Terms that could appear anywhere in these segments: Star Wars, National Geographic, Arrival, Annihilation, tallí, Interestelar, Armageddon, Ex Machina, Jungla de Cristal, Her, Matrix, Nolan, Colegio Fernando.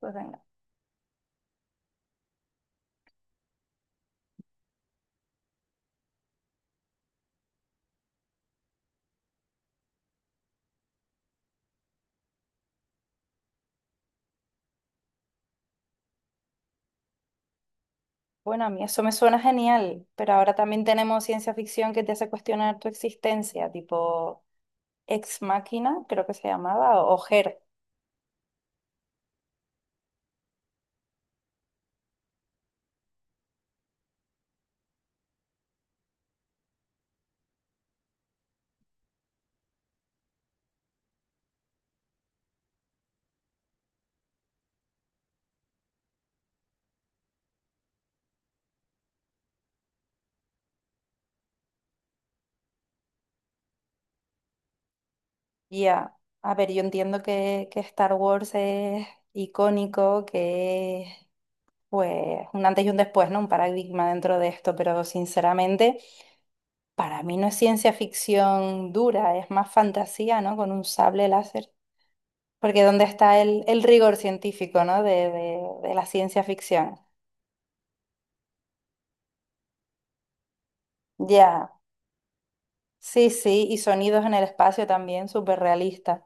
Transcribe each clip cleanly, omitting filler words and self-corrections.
Pues venga. Bueno, a mí eso me suena genial, pero ahora también tenemos ciencia ficción que te hace cuestionar tu existencia, tipo Ex Machina, creo que se llamaba, o Her. Ya, a ver, yo entiendo que Star Wars es icónico, que es pues un antes y un después, ¿no? Un paradigma dentro de esto, pero sinceramente, para mí no es ciencia ficción dura, es más fantasía, ¿no? Con un sable láser. Porque ¿dónde está el rigor científico, ¿no? de la ciencia ficción? Ya, sí, sí, y sonidos en el espacio también, súper realistas.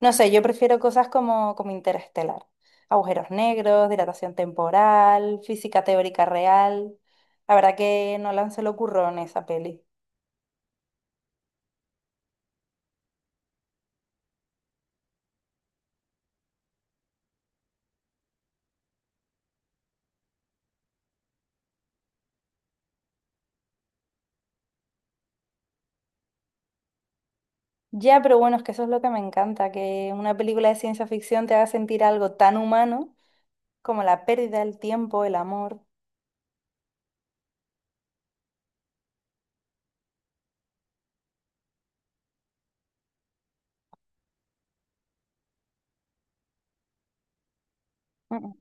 No sé, yo prefiero cosas como Interestelar, agujeros negros, dilatación temporal, física teórica real. La verdad que Nolan se le ocurrió en esa peli. Ya, pero bueno, es que eso es lo que me encanta, que una película de ciencia ficción te haga sentir algo tan humano como la pérdida del tiempo, el amor. Mm, mm.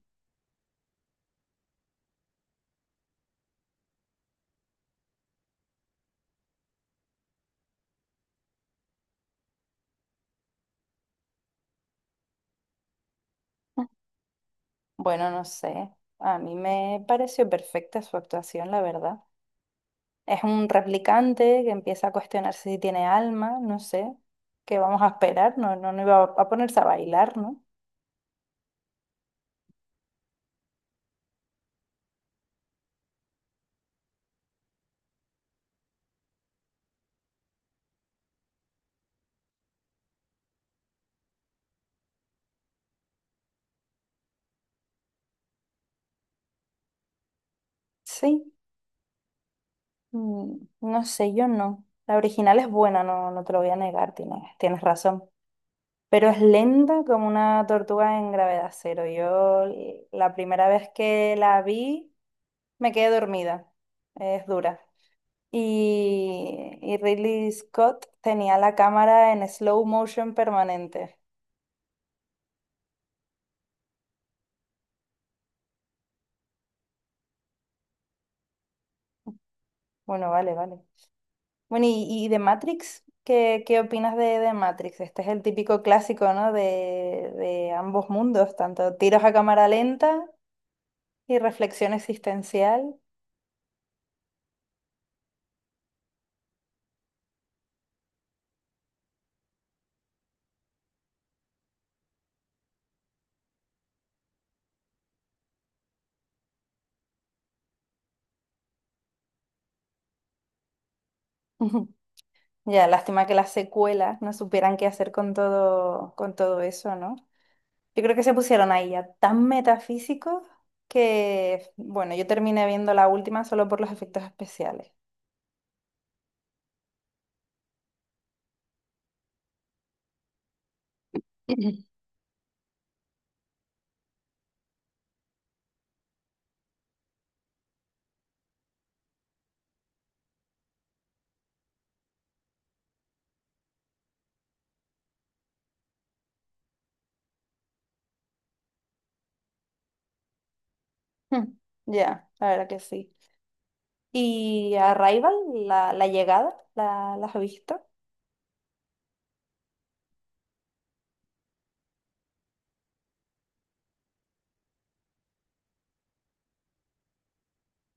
Bueno, no sé, a mí me pareció perfecta su actuación, la verdad. Es un replicante que empieza a cuestionarse si tiene alma, no sé, qué vamos a esperar, no, no, no iba a ponerse a bailar, ¿no? Sí, mm, no sé, yo no. La original es buena, no, no te lo voy a negar, tienes, tienes razón. Pero es lenta como una tortuga en gravedad cero. Yo la primera vez que la vi me quedé dormida, es dura. Y Ridley Scott tenía la cámara en slow motion permanente. Bueno, vale, vale. Bueno, y de Matrix, ¿qué opinas de Matrix? Este es el típico clásico, ¿no? De ambos mundos, tanto tiros a cámara lenta y reflexión existencial. Ya, lástima que las secuelas no supieran qué hacer con todo eso, ¿no? Yo creo que se pusieron ahí ya tan metafísicos que, bueno, yo terminé viendo la última solo por los efectos especiales. Hmm. Ya, la verdad que sí. ¿Y Arrival, la llegada, la has visto?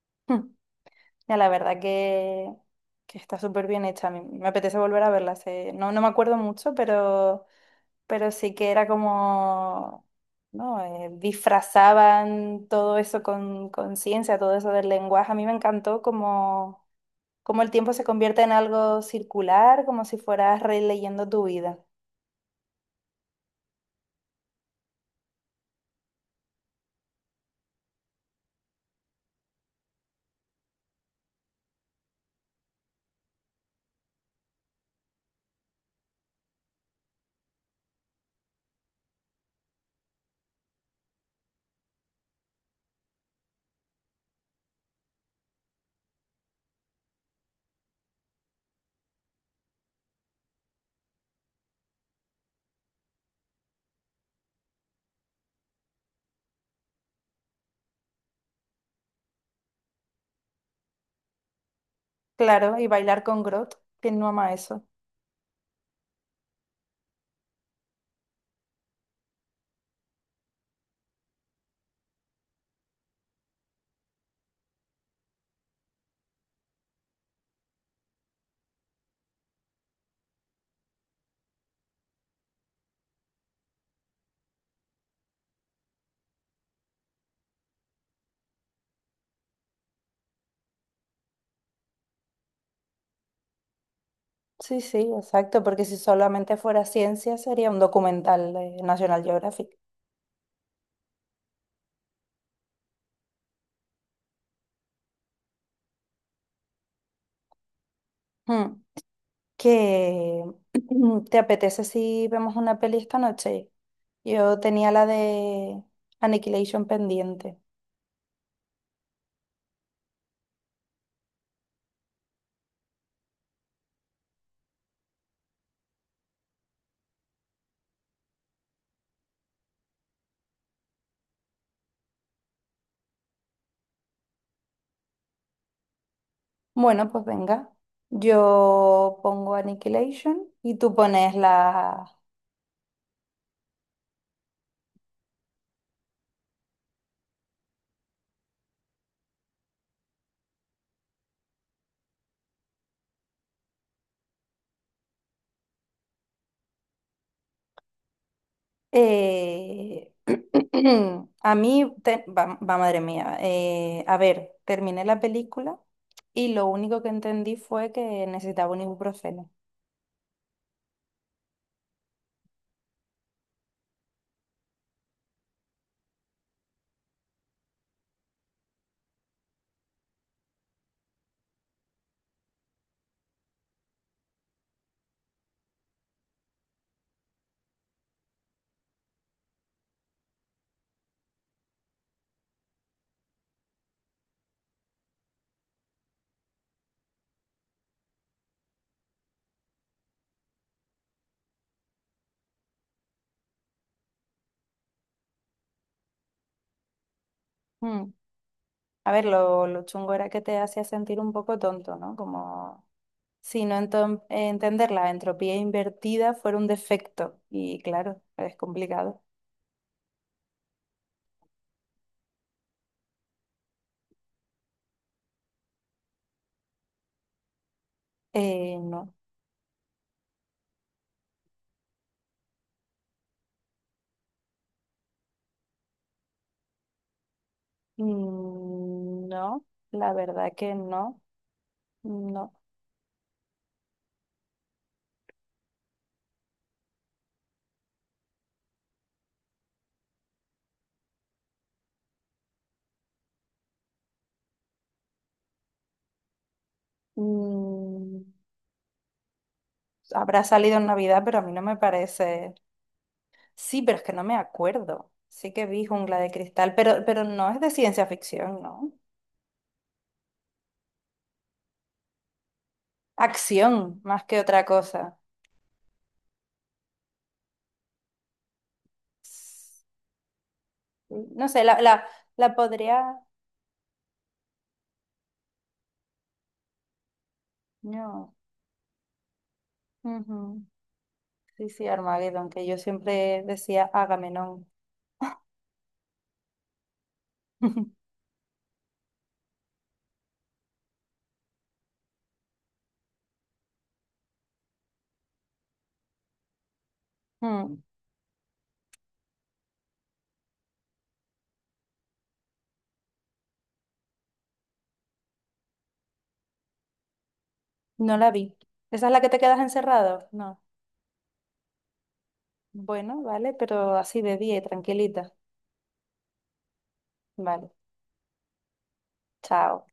Hmm. Ya la verdad que está súper bien hecha. A mí me apetece volver a verla. No, no me acuerdo mucho, pero sí que era como, ¿no? Disfrazaban todo eso con ciencia, todo eso del lenguaje. A mí me encantó como, como el tiempo se convierte en algo circular, como si fueras releyendo tu vida. Claro, y bailar con Grot, ¿quién no ama eso? Sí, sí, exacto, porque si solamente fuera ciencia sería un documental de National Geographic. Hmm. Que te apetece si vemos una peli esta noche. Yo tenía la de Annihilation pendiente. Bueno, pues venga. Yo pongo Annihilation y tú pones la... eh, a mí, madre mía. A ver, terminé la película y lo único que entendí fue que necesitaba un ibuprofeno. Mm. A ver, lo chungo era que te hacía sentir un poco tonto, ¿no? Como... entender la entropía invertida fuera un defecto. Y claro, es complicado. No. Mm, no, la verdad que no, no. Mm, habrá salido en Navidad, pero a mí no me parece. Sí, pero es que no me acuerdo. Sí que vi Jungla de Cristal, pero no es de ciencia ficción, ¿no? Acción, más que otra cosa. Sí. No sé, la podría... No. Ujú. Sí, sí, Armageddon, que yo siempre decía Agamenón. Mm. No la vi. ¿Esa es la que te quedas encerrado? No. Bueno, vale, pero así de día, y tranquilita. Vale, chao.